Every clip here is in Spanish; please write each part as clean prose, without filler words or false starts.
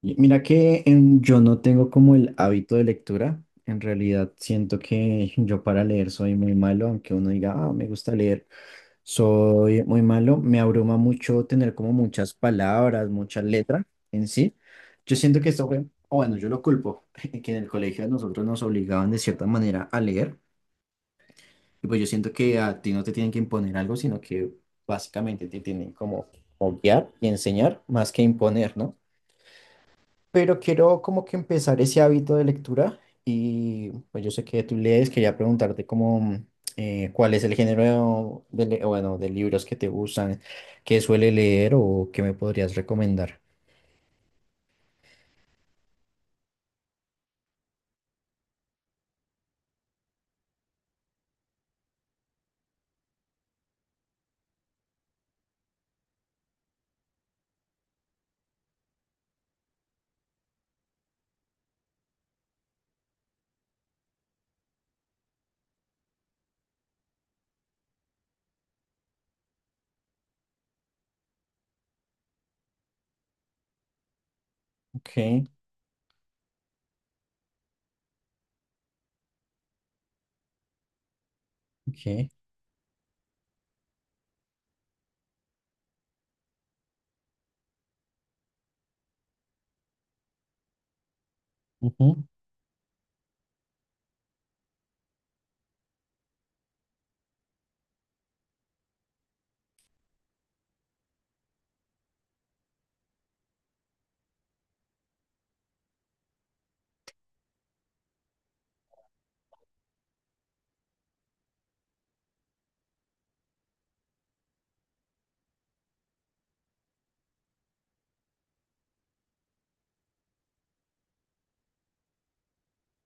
Y mira que yo no tengo como el hábito de lectura. En realidad siento que yo para leer soy muy malo, aunque uno diga, ah, me gusta leer, soy muy malo. Me abruma mucho tener como muchas palabras, muchas letras en sí. Yo siento que esto fue, o bueno, yo lo culpo, que en el colegio a nosotros nos obligaban de cierta manera a leer. Y pues yo siento que a ti no te tienen que imponer algo, sino que básicamente te tienen como guiar y enseñar más que imponer, ¿no? Pero quiero como que empezar ese hábito de lectura. Y pues yo sé que tú lees, quería preguntarte como cuál es el género de, bueno, de libros que te gustan, que suele leer o que me podrías recomendar. Ok, ok. Ujú,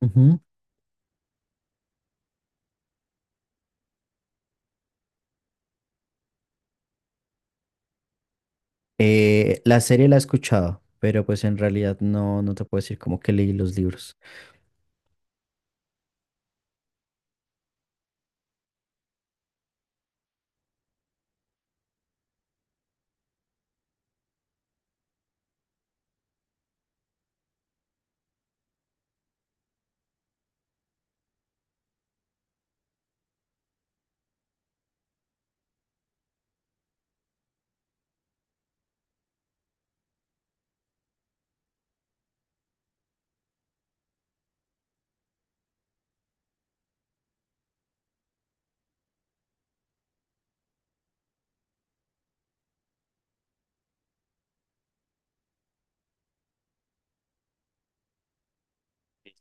ujú. La serie la he escuchado, pero pues en realidad no, no te puedo decir como que leí los libros.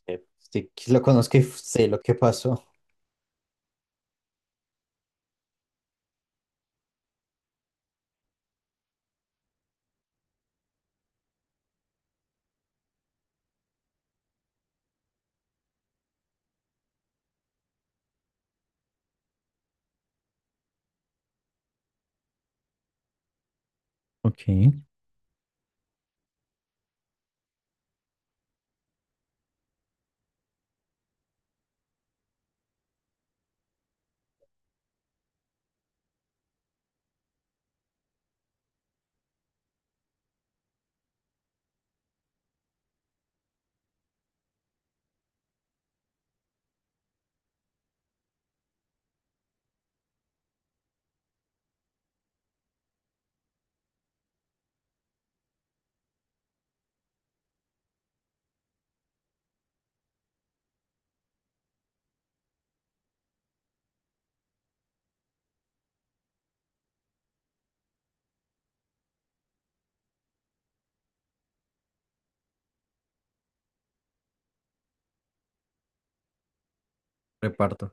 Sí, que lo conozco y sé lo que pasó. Ok. Reparto.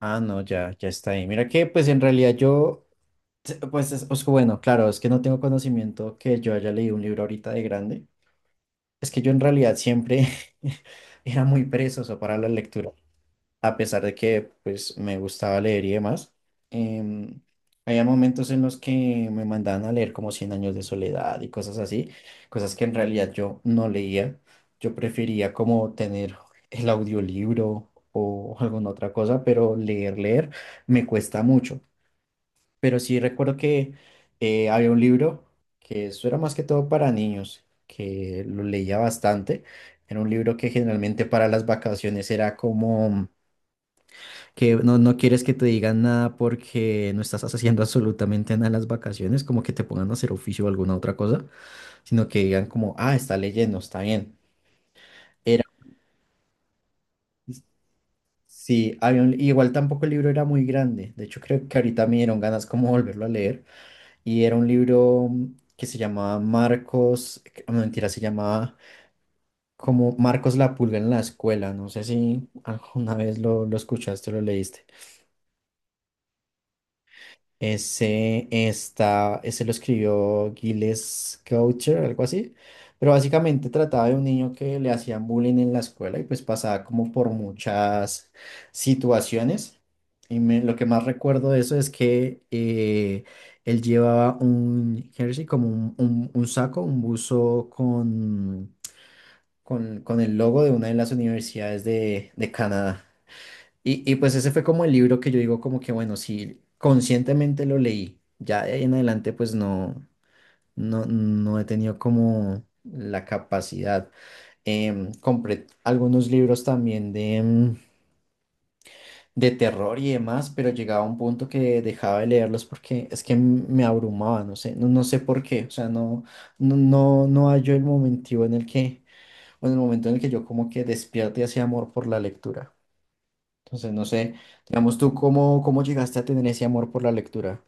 Ah, no, ya, ya está ahí. Mira que pues en realidad yo. Sí. Pues es que bueno, claro, es que no tengo conocimiento que yo haya leído un libro ahorita de grande. Es que yo en realidad siempre era muy perezoso para la lectura, a pesar de que pues me gustaba leer y demás. Em, Había momentos en los que me mandaban a leer como Cien años de soledad y cosas así, cosas que en realidad yo no leía. Yo prefería como tener el audiolibro o alguna otra cosa, pero leer, leer me cuesta mucho. Pero sí recuerdo que había un libro que eso era más que todo para niños, que lo leía bastante. Era un libro que generalmente para las vacaciones era como que no, no quieres que te digan nada porque no estás haciendo absolutamente nada en las vacaciones, como que te pongan a hacer oficio o alguna otra cosa, sino que digan como, ah, está leyendo, está bien. Sí, había igual tampoco el libro era muy grande. De hecho, creo que ahorita me dieron ganas como volverlo a leer, y era un libro que se llamaba Marcos, no, mentira, se llamaba como Marcos la pulga en la escuela, no sé si alguna vez lo escuchaste o lo leíste. Ese lo escribió Gilles Gaucher, algo así. Pero básicamente trataba de un niño que le hacían bullying en la escuela y pues pasaba como por muchas situaciones. Y lo que más recuerdo de eso es que él llevaba un jersey, como un saco, un buzo con el logo de una de las universidades de Canadá. Y pues ese fue como el libro que yo digo como que bueno, sí conscientemente lo leí, ya de ahí en adelante pues no, no, no he tenido como la capacidad. Compré algunos libros también de terror y demás, pero llegaba a un punto que dejaba de leerlos porque es que me abrumaba, no sé, no, no sé por qué, o sea, no, no, no, no hallo el momentivo en el que, o en el momento en el que yo como que despierte ese amor por la lectura. Entonces, no sé, digamos tú, ¿cómo llegaste a tener ese amor por la lectura?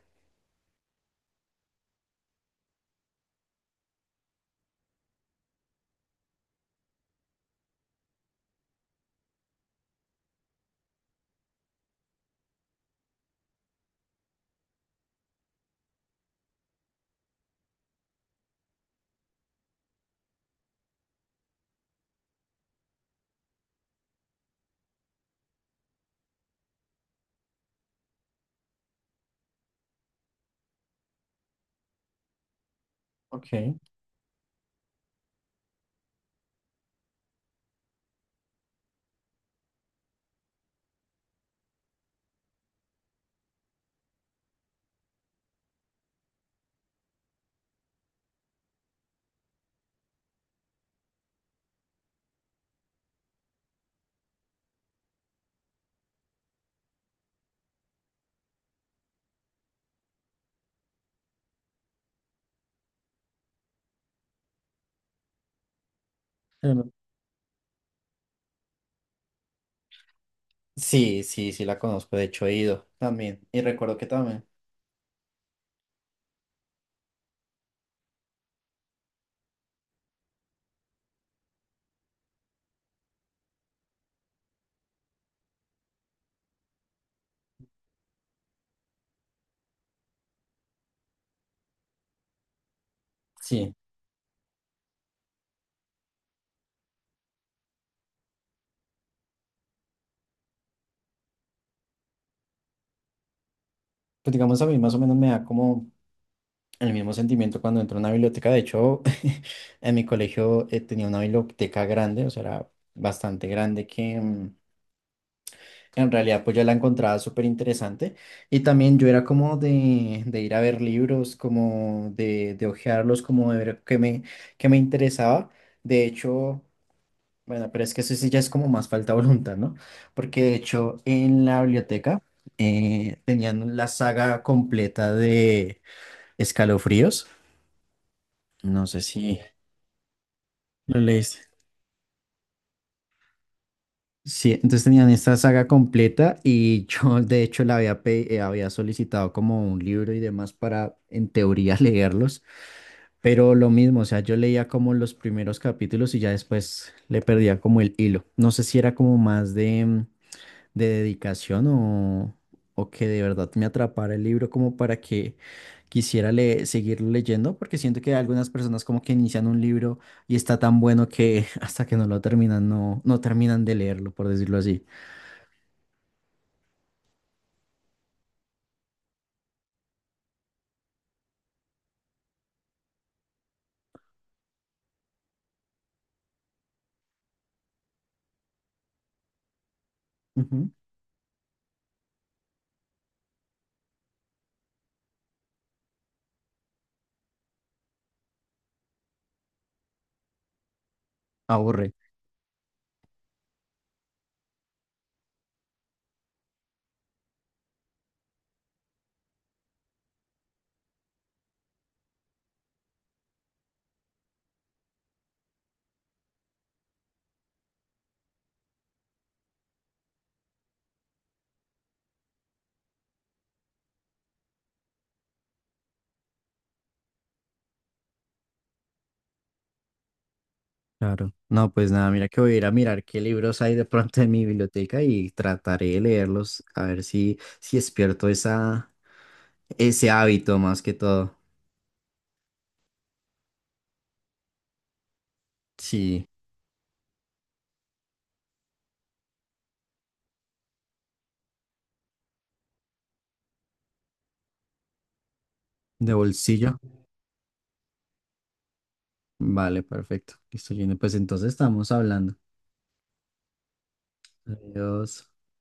Ok. Em, Sí, sí, sí la conozco, de hecho he ido también y recuerdo que también. Sí, pues digamos a mí más o menos me da como el mismo sentimiento cuando entro a una biblioteca, de hecho en mi colegio tenía una biblioteca grande, o sea, era bastante grande que. En realidad, pues yo la encontraba súper interesante. Y también yo era como de ir a ver libros, como de hojearlos, como de ver qué me interesaba. De hecho, bueno, pero es que eso sí ya es como más falta de voluntad, ¿no? Porque de hecho en la biblioteca tenían la saga completa de Escalofríos. No sé si lo leíste. Sí, entonces tenían esta saga completa y yo de hecho la había, había solicitado como un libro y demás para en teoría leerlos, pero lo mismo, o sea, yo leía como los primeros capítulos y ya después le perdía como el hilo. No sé si era como más de dedicación o que de verdad me atrapara el libro como para que quisiera seguirlo leyendo, porque siento que algunas personas como que inician un libro y está tan bueno que hasta que no lo terminan, no, no terminan de leerlo, por decirlo así. Ujú. Aburre. Claro. No, pues nada, mira que voy a ir a mirar qué libros hay de pronto en mi biblioteca y trataré de leerlos a ver si despierto ese hábito más que todo. Sí, de bolsillo. Vale, perfecto. Listo, Gino. Pues entonces estamos hablando. Adiós.